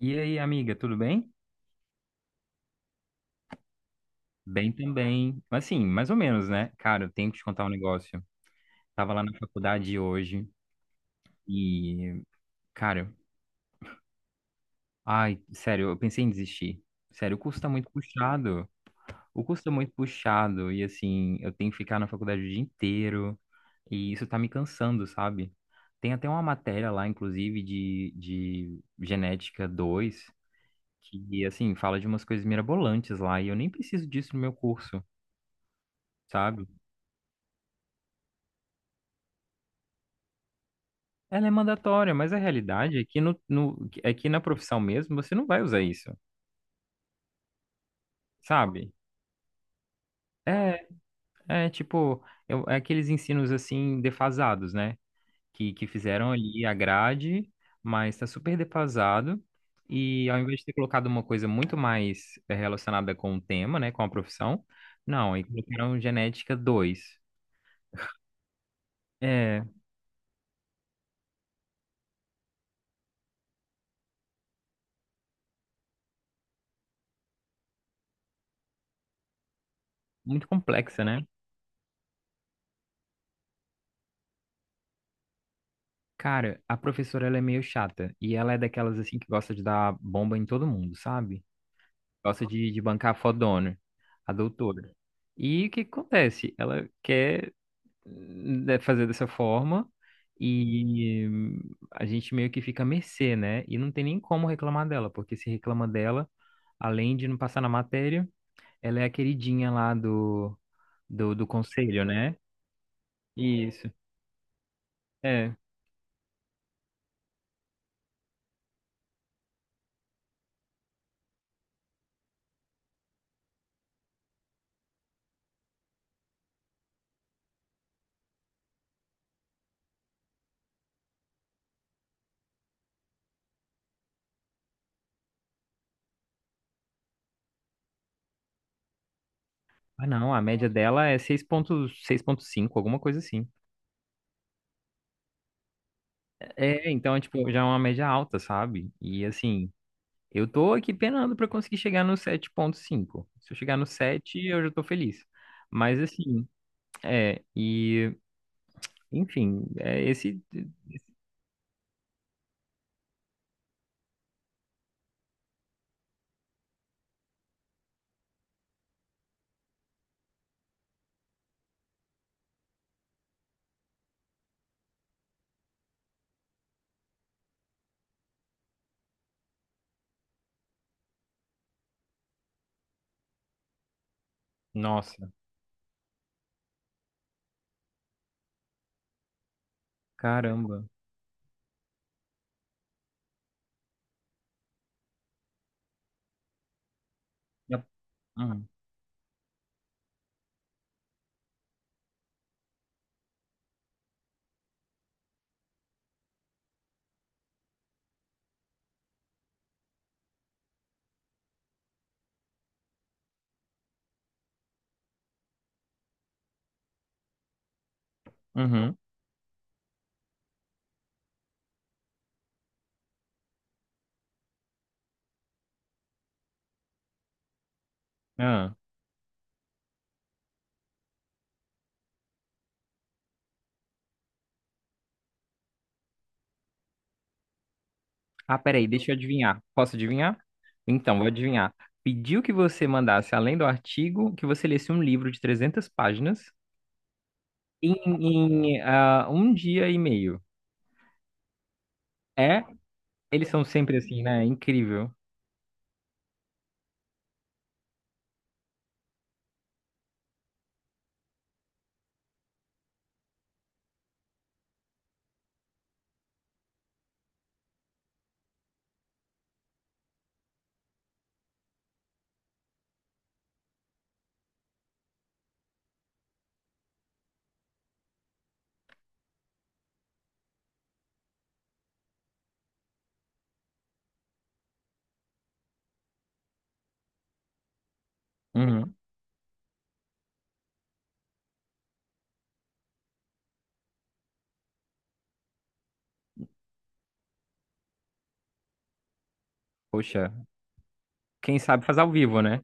E aí, amiga, tudo bem? Bem também. Assim, mais ou menos, né? Cara, eu tenho que te contar um negócio. Tava lá na faculdade hoje e, cara, ai, sério, eu pensei em desistir. Sério, o curso tá muito puxado. O curso tá muito puxado e, assim, eu tenho que ficar na faculdade o dia inteiro e isso tá me cansando, sabe? Tem até uma matéria lá, inclusive, de genética 2 que, assim, fala de umas coisas mirabolantes lá e eu nem preciso disso no meu curso. Sabe? Ela é mandatória, mas a realidade é que, no, no, é que na profissão mesmo você não vai usar isso, sabe? É, é tipo, é aqueles ensinos assim defasados, né? Que fizeram ali a grade, mas está super defasado. E ao invés de ter colocado uma coisa muito mais relacionada com o tema, né? Com a profissão, não, e colocaram genética dois. É muito complexa, né? Cara, a professora ela é meio chata e ela é daquelas assim que gosta de dar bomba em todo mundo, sabe? Gosta de bancar a fodona, a doutora. E o que que acontece? Ela quer, né, fazer dessa forma e a gente meio que fica à mercê, né? E não tem nem como reclamar dela, porque se reclama dela, além de não passar na matéria, ela é a queridinha lá do, do conselho, né? Isso. É. Ah, não, a média dela é 6,6, 6,5, alguma coisa assim. É, então, é, tipo, já é uma média alta, sabe? E assim, eu tô aqui penando para conseguir chegar no 7,5. Se eu chegar no sete, eu já tô feliz. Mas assim, é, e enfim, é esse. Nossa, caramba. Já- Hum. Uhum. Ah. Ah, peraí, deixa eu adivinhar. Posso adivinhar? Então, vou adivinhar. Pediu que você mandasse, além do artigo, que você lesse um livro de 300 páginas em, em, ah, um dia e meio. É? Eles são sempre assim, né? Incrível. Uhum. Poxa, quem sabe faz ao vivo, né?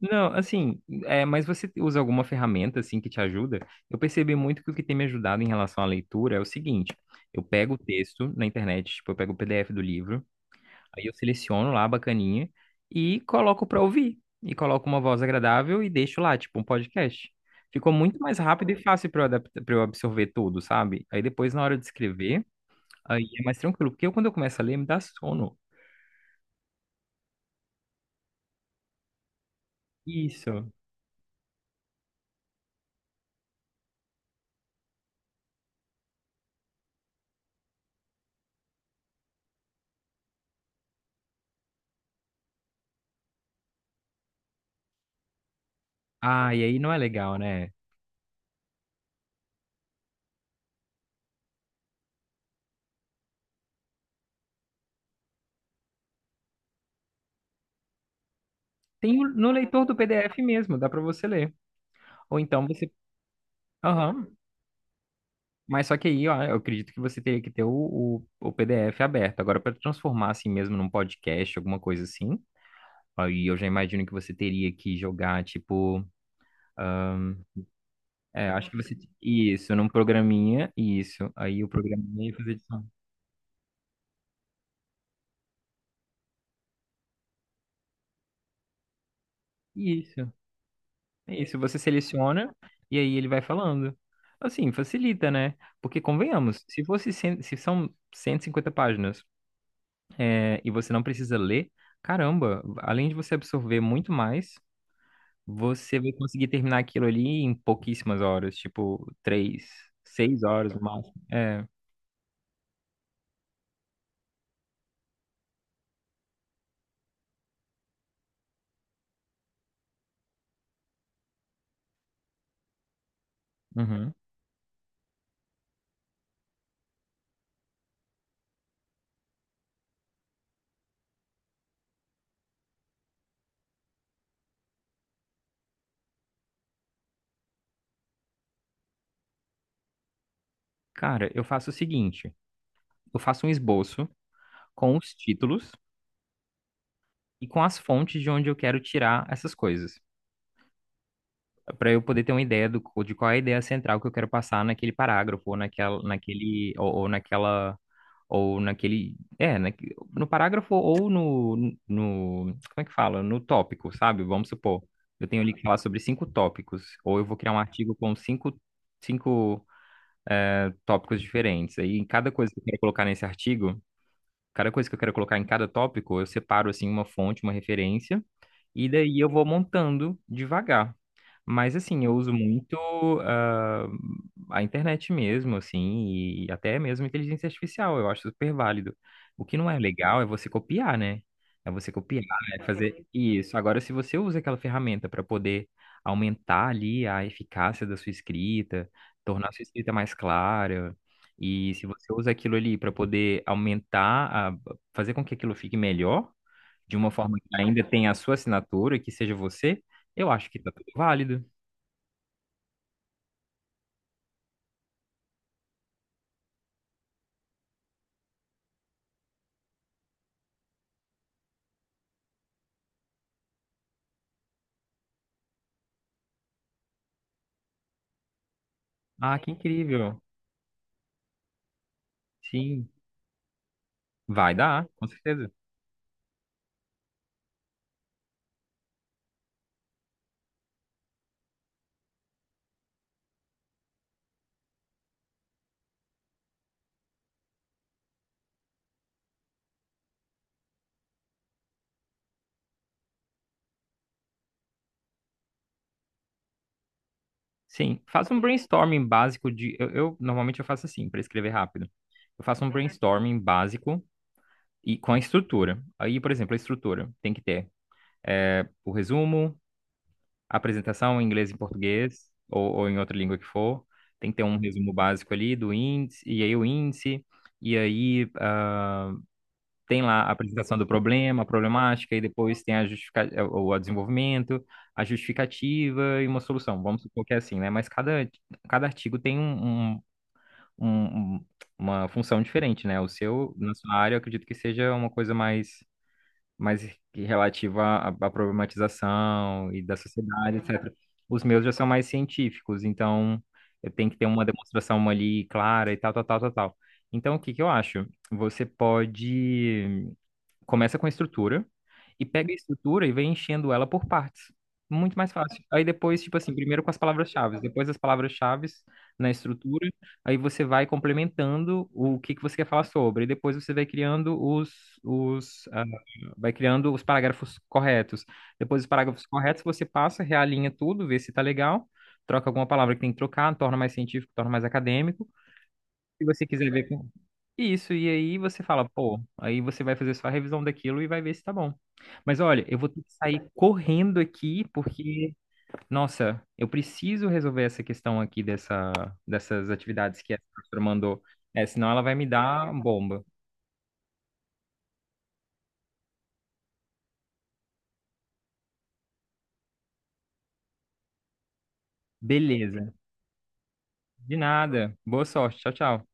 Não, assim, é, mas você usa alguma ferramenta assim que te ajuda? Eu percebi muito que o que tem me ajudado em relação à leitura é o seguinte: eu pego o texto na internet, tipo, eu pego o PDF do livro, aí eu seleciono lá a bacaninha e coloco pra ouvir. E coloco uma voz agradável e deixo lá, tipo, um podcast. Ficou muito mais rápido e fácil para eu adaptar, para eu absorver tudo, sabe? Aí depois, na hora de escrever, aí é mais tranquilo, porque eu, quando eu começo a ler, me dá sono. Isso. Ah, e aí não é legal, né? No leitor do PDF mesmo, dá para você ler. Ou então você. Aham. Mas só que aí, ó, eu acredito que você teria que ter o, o PDF aberto. Agora, para transformar assim mesmo num podcast, alguma coisa assim, aí eu já imagino que você teria que jogar, tipo. ah, É, acho que você. Isso, num programinha, isso. Aí o programinha ia fazer edição. Isso, isso. Você seleciona e aí ele vai falando. Assim, facilita, né? Porque, convenhamos, se fosse, se são 150 páginas, é, e você não precisa ler, caramba, além de você absorver muito mais, você vai conseguir terminar aquilo ali em pouquíssimas horas, tipo, três, seis horas no máximo. É, uhum. Cara, eu faço o seguinte, eu faço um esboço com os títulos e com as fontes de onde eu quero tirar essas coisas, para eu poder ter uma ideia do, de qual é a ideia central que eu quero passar naquele parágrafo, ou naquela, naquele, ou naquela, ou naquele, é, no parágrafo ou no, no, como é que fala? No tópico, sabe? Vamos supor, eu tenho ali que falar sobre cinco tópicos, ou eu vou criar um artigo com cinco tópicos diferentes. Aí, em cada coisa que eu quero colocar nesse artigo, cada coisa que eu quero colocar em cada tópico, eu separo, assim, uma fonte, uma referência, e daí eu vou montando devagar. Mas assim, eu uso muito ah, a internet mesmo, assim, e até mesmo inteligência artificial, eu acho super válido. O que não é legal é você copiar, né? É você copiar, é fazer isso. Agora, se você usa aquela ferramenta para poder aumentar ali a eficácia da sua escrita, tornar a sua escrita mais clara, e se você usa aquilo ali para poder aumentar, a, fazer com que aquilo fique melhor, de uma forma que ainda tenha a sua assinatura, que seja você, eu acho que tá tudo válido. Ah, que incrível. Sim, vai dar, com certeza. Sim, faça um brainstorming básico de. Normalmente eu faço assim, para escrever rápido. Eu faço um brainstorming básico e com a estrutura. Aí, por exemplo, a estrutura tem que ter é, o resumo, a apresentação em inglês e em português, ou em outra língua que for. Tem que ter um resumo básico ali do índice, e aí o índice, e aí, ah, tem lá a apresentação do problema, a problemática, e depois tem a justifica... é, o desenvolvimento, a justificativa e uma solução. Vamos supor que é assim, né? Mas cada, cada artigo tem um, um- um- um- uma função diferente, né? O seu, na sua área, eu acredito que seja uma coisa mais, mais que relativa à, à problematização e da sociedade, etc. Os meus já são mais científicos, então eu tenho que ter uma demonstração ali clara e tal, tal, tal, tal, tal. Então, o que que eu acho? Você pode. Começa com a estrutura e pega a estrutura e vem enchendo ela por partes. Muito mais fácil. Aí depois, tipo assim, primeiro com as palavras-chave, depois as palavras-chave na estrutura, aí você vai complementando o que que você quer falar sobre, e depois você vai criando os, ah, vai criando os parágrafos corretos. Depois dos parágrafos corretos, você passa, realinha tudo, vê se tá legal, troca alguma palavra que tem que trocar, torna mais científico, torna mais acadêmico. Se você quiser ver isso, e aí você fala, pô, aí você vai fazer só a revisão daquilo e vai ver se tá bom. Mas olha, eu vou ter que sair correndo aqui porque, nossa, eu preciso resolver essa questão aqui dessa, dessas atividades que a professora mandou. É, senão ela vai me dar bomba. Beleza. De nada. Boa sorte. Tchau, tchau.